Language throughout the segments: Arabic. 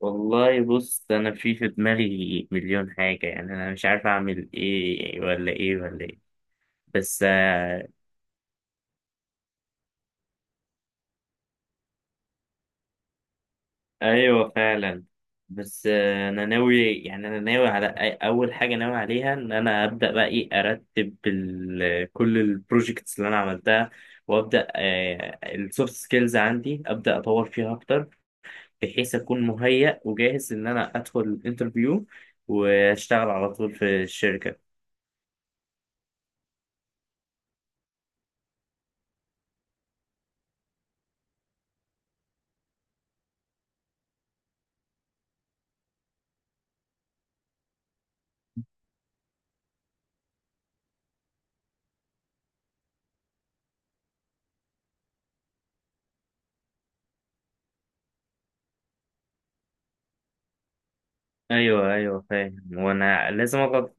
والله بص، انا في دماغي مليون حاجة. يعني انا مش عارف اعمل ايه ولا ايه ولا ايه. بس ايوه فعلا. بس انا ناوي على اول حاجة ناوي عليها ان انا ابدا بقى ايه، ارتب كل البروجيكتس اللي انا عملتها، وابدا السوفت سكيلز عندي ابدا اطور فيها اكتر، بحيث اكون مهيأ وجاهز ان انا ادخل الانترفيو واشتغل على طول في الشركة. ايوه ايوه فاهم. وانا لازم اقعد.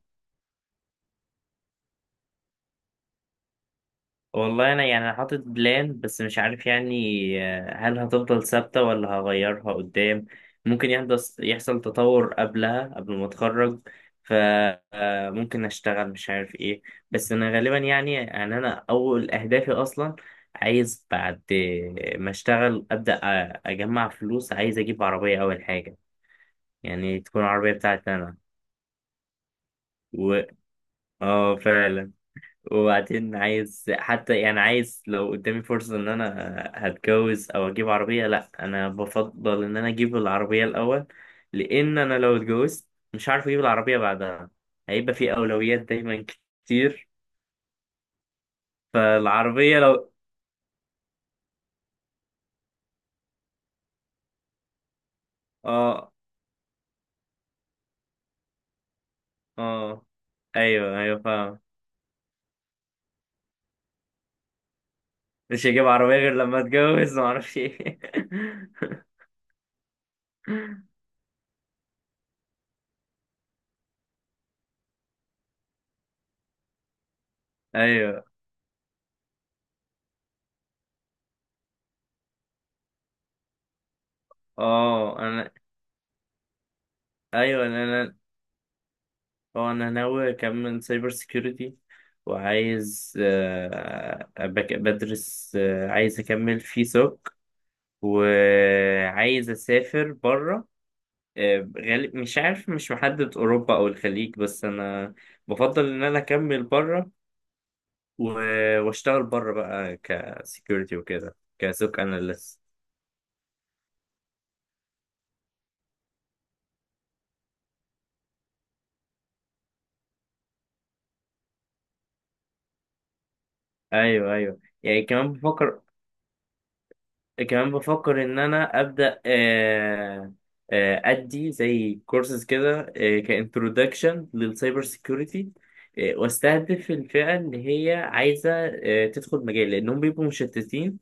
والله انا يعني أنا حاطط بلان بس مش عارف يعني. هل هتفضل ثابته ولا هغيرها قدام؟ ممكن يحصل تطور قبلها قبل ما اتخرج، فممكن اشتغل مش عارف ايه. بس انا غالبا يعني انا اول اهدافي اصلا. عايز بعد ما اشتغل ابدا اجمع فلوس، عايز اجيب عربيه اول حاجه، يعني تكون عربيه بتاعتي انا. و اه فعلا. وبعدين عايز حتى، يعني عايز لو قدامي فرصة ان انا هتجوز او اجيب عربية، لا انا بفضل ان انا اجيب العربية الاول. لان انا لو اتجوزت مش عارف اجيب العربية بعدها، هيبقى في اولويات دايما كتير. فالعربية لو اه اه ايوه ايوه فاهم. مش هجيب عربية غير لما اتجوز معرفش ايه. ايوه. اه انا ايوه انا ناوي اكمل سايبر سيكيورتي، وعايز بدرس، عايز اكمل في سوك، وعايز اسافر بره. غالب مش عارف، مش محدد اوروبا او الخليج، بس انا بفضل ان انا اكمل بره واشتغل بره بقى كسيكيورتي وكده كسوك اناليست. ايوه ايوه يعني كمان بفكر. كمان بفكر ان انا ابدا ادي زي كورسز كده، كانترودكشن للسايبر سيكيورتي، واستهدف الفئه اللي هي عايزه تدخل مجال، لانهم بيبقوا مشتتين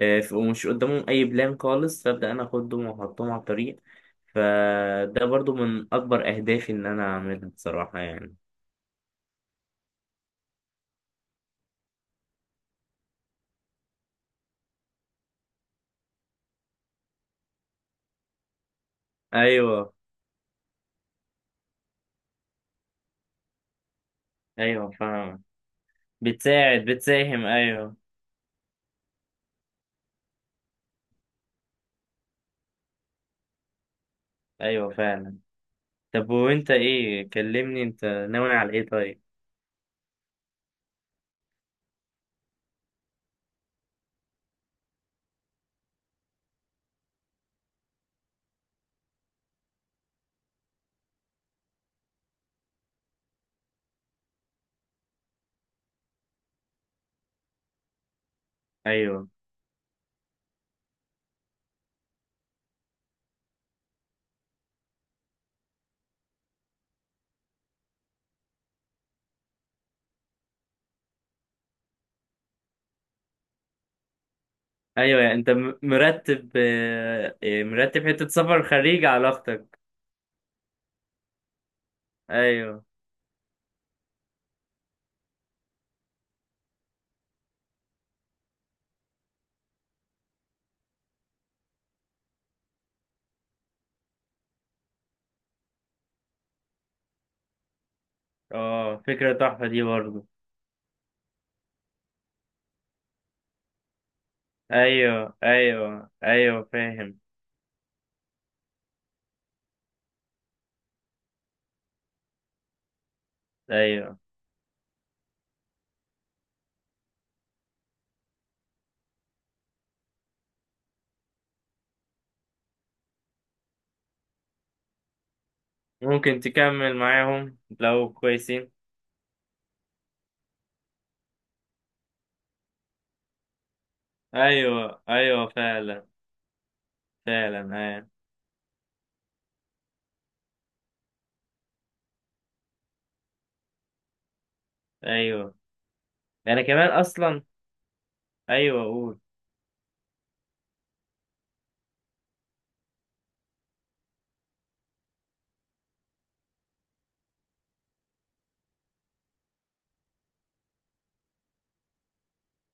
ومش قدامهم اي بلان خالص، فابدا انا اخدهم واحطهم على الطريق. فده برضو من اكبر اهدافي ان انا اعملها بصراحه يعني. ايوه ايوه فاهم. بتساعد بتساهم ايوه. ايوه فعلا. طب وانت ايه؟ كلمني انت ناوي على ايه طيب. ايوه ايوه. يعني انت مرتب، مرتب حتة سفر خارج علاقتك. ايوه. اه، فكرة تحفة دي برضه. ايوه ايوه ايوه فاهم. ايوه. ممكن تكمل معاهم لو كويسين. ايوه ايوه فعلا فعلا. ايوه ايوه. انا كمان اصلا. ايوه قول.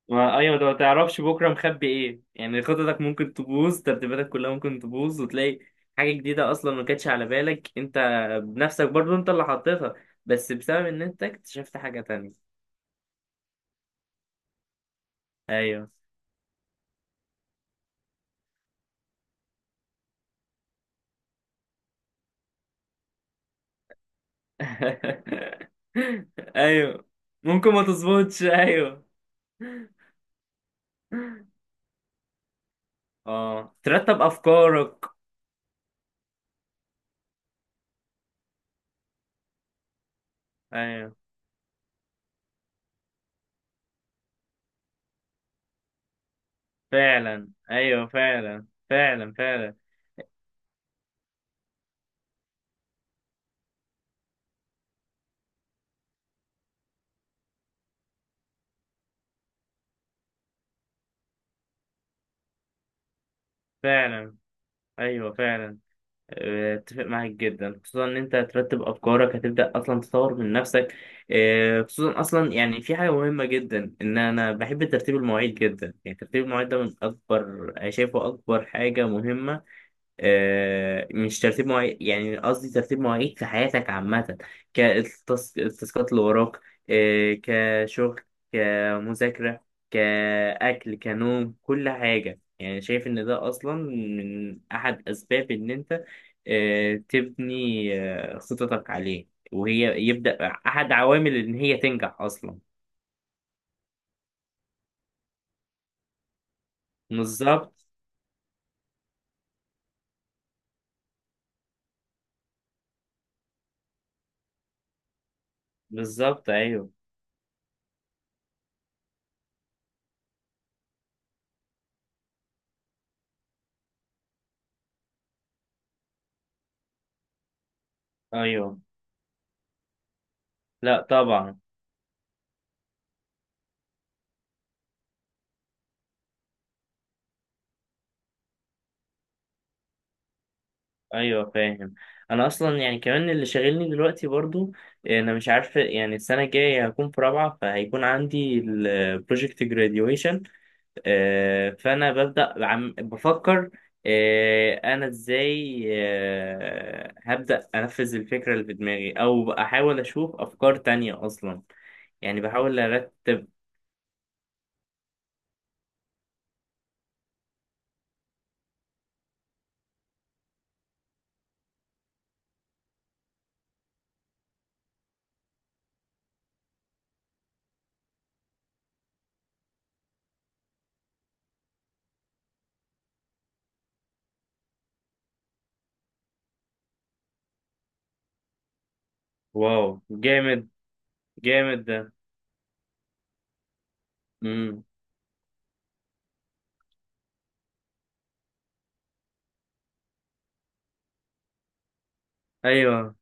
ما ايوه، انت ما تعرفش بكره مخبي ايه. يعني خططك ممكن تبوظ، ترتيباتك كلها ممكن تبوظ، وتلاقي حاجه جديده اصلا ما كانتش على بالك انت بنفسك برضو انت اللي حطيتها، بس بسبب ان انت اكتشفت حاجه تانية. ايوه. ايوه. ممكن ما تظبطش. ايوه. اه ترتب افكارك. ايوه فعلا. ايوه فعلا فعلا فعلا. فعلا ايوه فعلا. اتفق معاك جدا، خصوصا ان انت هترتب افكارك هتبدا اصلا تطور من نفسك. اه، خصوصا اصلا يعني في حاجه مهمه جدا، ان انا بحب ترتيب المواعيد جدا. يعني ترتيب المواعيد ده من اكبر، شايفه اكبر حاجه مهمه. مش ترتيب مواعيد، يعني قصدي ترتيب مواعيد في حياتك عامة، كالتاسكات اللي وراك، كشغل، كمذاكرة، كأكل، كنوم، كل حاجة. يعني شايف إن ده أصلا من أحد أسباب إن أنت تبني خططك عليه، وهي يبدأ أحد عوامل إن هي تنجح أصلا. بالظبط. بالظبط أيوه. أيوه. لا طبعا. ايوه فاهم. انا اصلا يعني كمان اللي شاغلني دلوقتي برضو، انا مش عارف يعني، السنه الجايه هكون في رابعه، فهيكون عندي البروجكت جراديويشن. فانا ببدا عم بفكر انا ازاي، هبدا انفذ الفكره اللي في دماغي او احاول اشوف افكار تانية اصلا. يعني بحاول ارتب. واو جامد. جامد ده. امم. ايوه.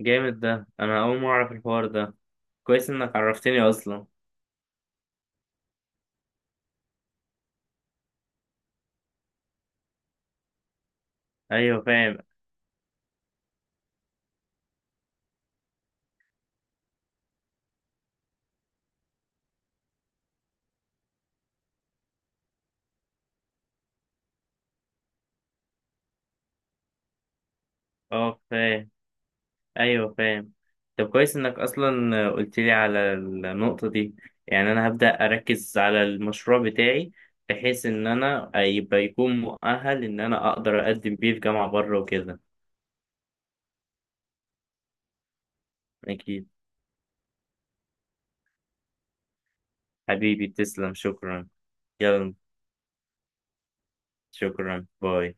جامد ده، انا اول مره اعرف الحوار ده. كويس انك عرفتني اصلا. ايوه فاهم. اه فاهم. ايوه فاهم. طب كويس انك اصلا قلت لي على النقطه دي. يعني انا هبدا اركز على المشروع بتاعي، بحيث ان انا يبقى يكون مؤهل ان انا اقدر اقدم بيه في جامعه بره وكده. اكيد. حبيبي تسلم، شكرا. يلا شكرا، باي.